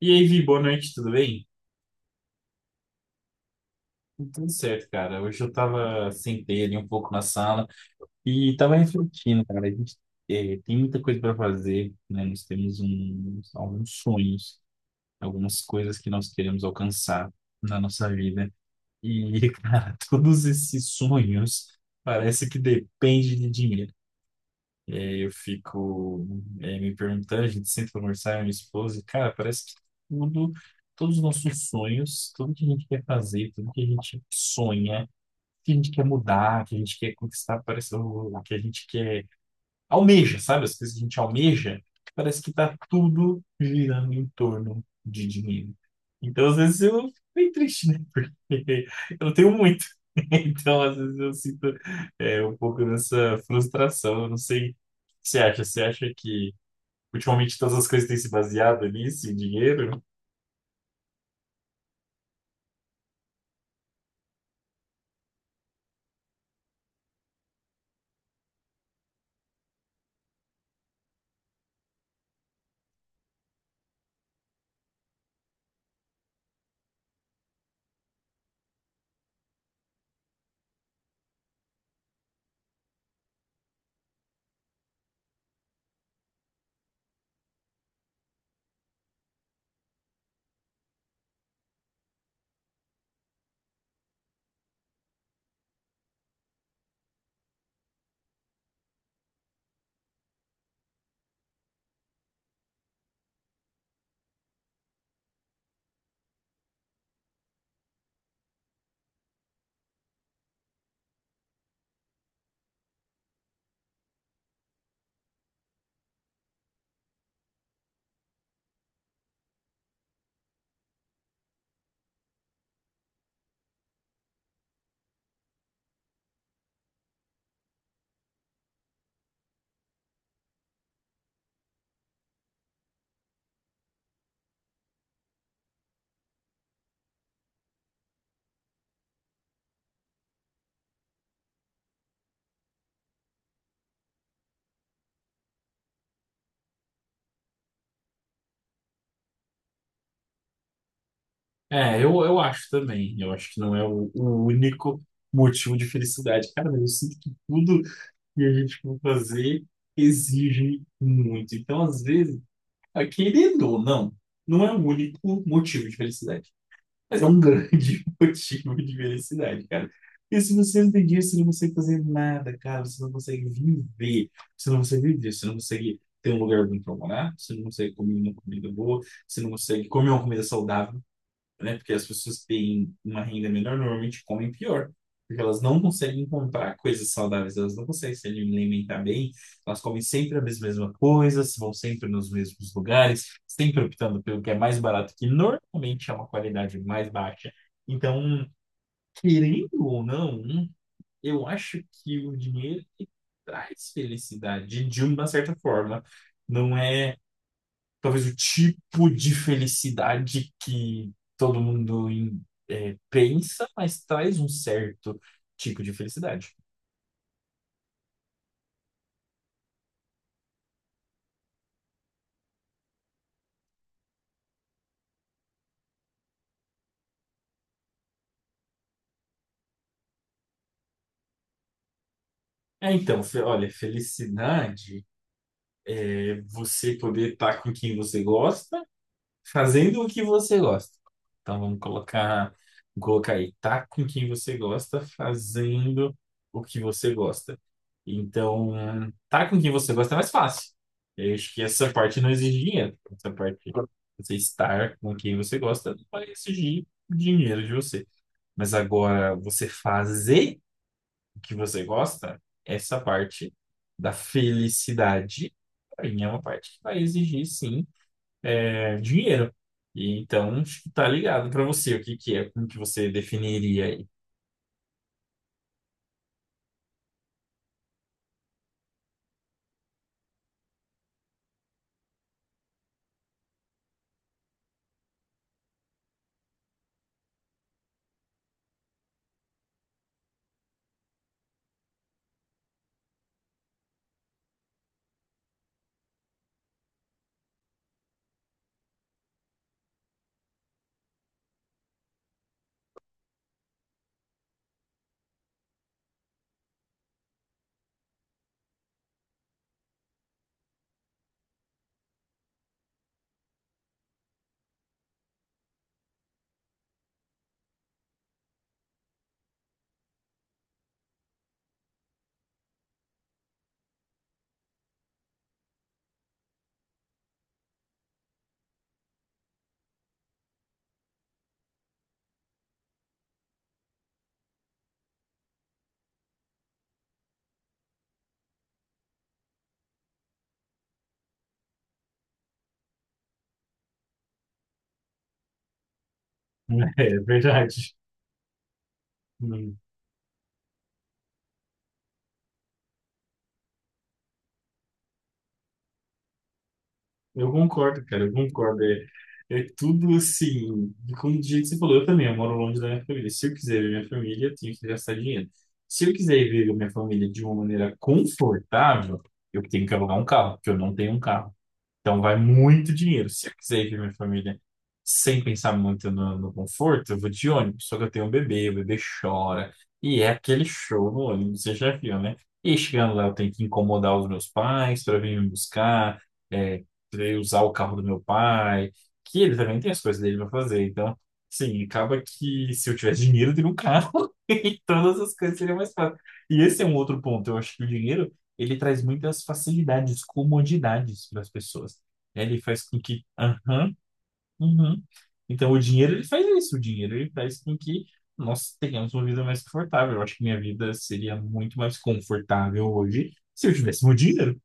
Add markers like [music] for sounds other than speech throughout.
E aí, Vi, boa noite, tudo bem? Tudo certo, cara. Hoje eu sentei ali um pouco na sala e tava refletindo, cara. A gente tem muita coisa para fazer, né? Nós temos alguns sonhos, algumas coisas que nós queremos alcançar na nossa vida. E, [laughs] cara, todos esses sonhos parece que depende de dinheiro. Eu fico me perguntando, a gente senta pra conversar, eu e minha esposa, e, cara, parece que tudo, todos os nossos sonhos, tudo que a gente quer fazer, tudo que a gente sonha, que a gente quer mudar, que a gente quer conquistar, parece o que a gente quer almeja, sabe? As coisas que a gente almeja, parece que tá tudo girando em torno de dinheiro. Então, às vezes, eu fico bem triste, né? Porque [laughs] eu tenho muito. [laughs] Então, às vezes, eu sinto um pouco dessa frustração. Eu não sei o que você acha. Você acha que ultimamente todas as coisas têm se baseado nisso, em dinheiro? É, eu acho também. Eu acho que não é o único motivo de felicidade. Cara, mas eu sinto que tudo que a gente for fazer exige muito. Então, às vezes, ah, querendo ou não, não é o único motivo de felicidade, mas é um grande [laughs] motivo de felicidade, cara. Porque se você não tem dinheiro, você não consegue fazer nada, cara. Você não consegue viver. Você não consegue viver. Você não consegue ter um lugar bom para morar. Você não consegue comer uma comida boa. Você não consegue comer uma comida saudável, né? Porque as pessoas que têm uma renda menor normalmente comem pior, porque elas não conseguem comprar coisas saudáveis, elas não conseguem se alimentar bem, elas comem sempre as mesmas coisas, vão sempre nos mesmos lugares, sempre optando pelo que é mais barato, que normalmente é uma qualidade mais baixa. Então, querendo ou não, eu acho que o dinheiro ele traz felicidade de uma certa forma. Não é talvez o tipo de felicidade que todo mundo pensa, mas traz um certo tipo de felicidade. É, então, olha, felicidade é você poder estar com quem você gosta, fazendo o que você gosta. Então vamos colocar aí, tá com quem você gosta, fazendo o que você gosta. Então, tá com quem você gosta é mais fácil. Eu acho que essa parte não exige dinheiro. Essa parte, você estar com quem você gosta, não vai exigir dinheiro de você. Mas agora, você fazer o que você gosta, essa parte da felicidade, para mim é uma parte que vai exigir, sim, dinheiro. E então, acho que tá ligado para você o que que é, como que você definiria aí. [laughs] É verdade. Hum. Eu concordo, cara, eu concordo. É, é tudo assim, como de jeito que você falou, eu também, eu moro longe da minha família. Se eu quiser ver minha família, eu tenho que gastar dinheiro. Se eu quiser ver minha família de uma maneira confortável, eu tenho que alugar um carro, porque eu não tenho um carro. Então vai muito dinheiro. Se eu quiser ir ver minha família sem pensar muito no conforto, eu vou de ônibus. Só que eu tenho um bebê, o bebê chora. E é aquele show no ônibus, você já viu, né? E chegando lá, eu tenho que incomodar os meus pais para vir me buscar, é, pra eu usar o carro do meu pai, que ele também tem as coisas dele para fazer. Então, sim, acaba que se eu tivesse dinheiro, eu teria um carro [laughs] e todas as coisas seriam mais fáceis. E esse é um outro ponto. Eu acho que o dinheiro ele traz muitas facilidades, comodidades para as pessoas, né? Ele faz com que, aham, uhum. Então, o dinheiro, ele faz isso. O dinheiro, ele faz com que nós tenhamos uma vida mais confortável. Eu acho que minha vida seria muito mais confortável hoje se eu tivesse meu dinheiro.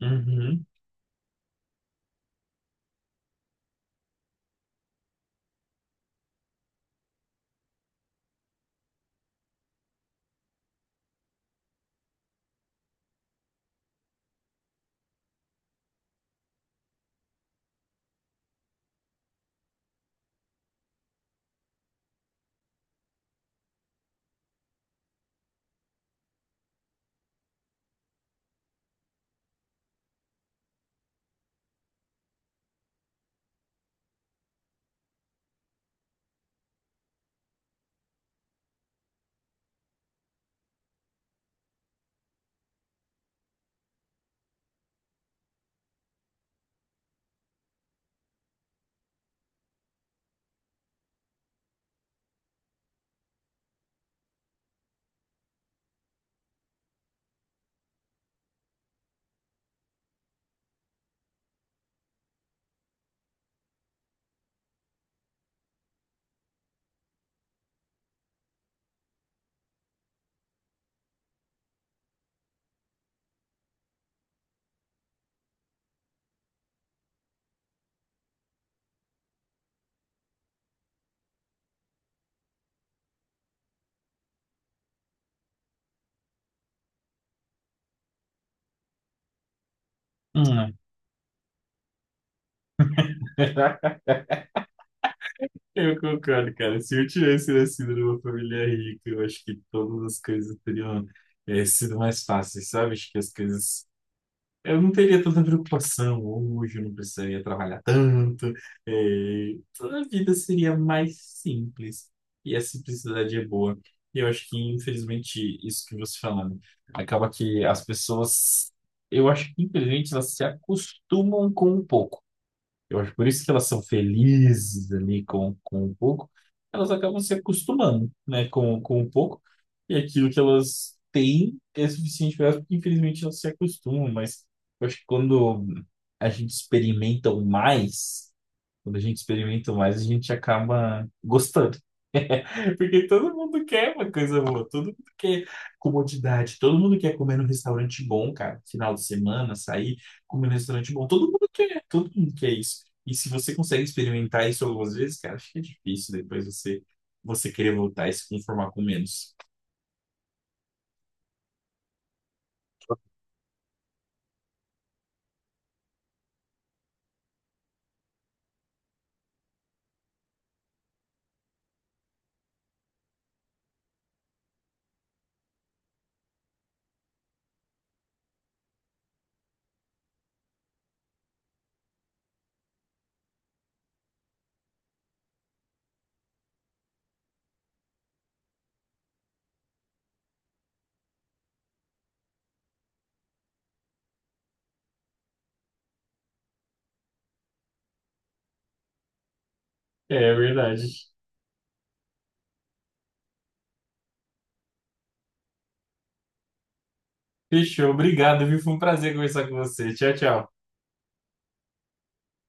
Uhum. Hum. [laughs] Eu concordo, cara. Se eu tivesse nascido numa família rica, eu acho que todas as coisas teriam, sido mais fáceis, sabe? Acho que as coisas. Eu não teria tanta preocupação hoje, eu não precisaria trabalhar tanto, eh, a vida seria mais simples e a simplicidade é boa. E eu acho que, infelizmente, isso que você falando, acaba que as pessoas, eu acho que, infelizmente, elas se acostumam com um pouco. Eu acho por isso que elas são felizes ali com um pouco, elas acabam se acostumando, né, com um pouco, e aquilo que elas têm é suficiente para elas, porque infelizmente elas se acostumam, mas eu acho que quando a gente experimenta o mais, a gente acaba gostando. Porque todo mundo quer uma coisa boa, todo mundo quer comodidade, todo mundo quer comer num restaurante bom, cara. Final de semana, sair, comer num restaurante bom, todo mundo quer isso. E se você consegue experimentar isso algumas vezes, cara, fica difícil depois você querer voltar e se conformar com menos. É verdade. Fechou, obrigado, viu? Foi um prazer conversar com você. Tchau, tchau.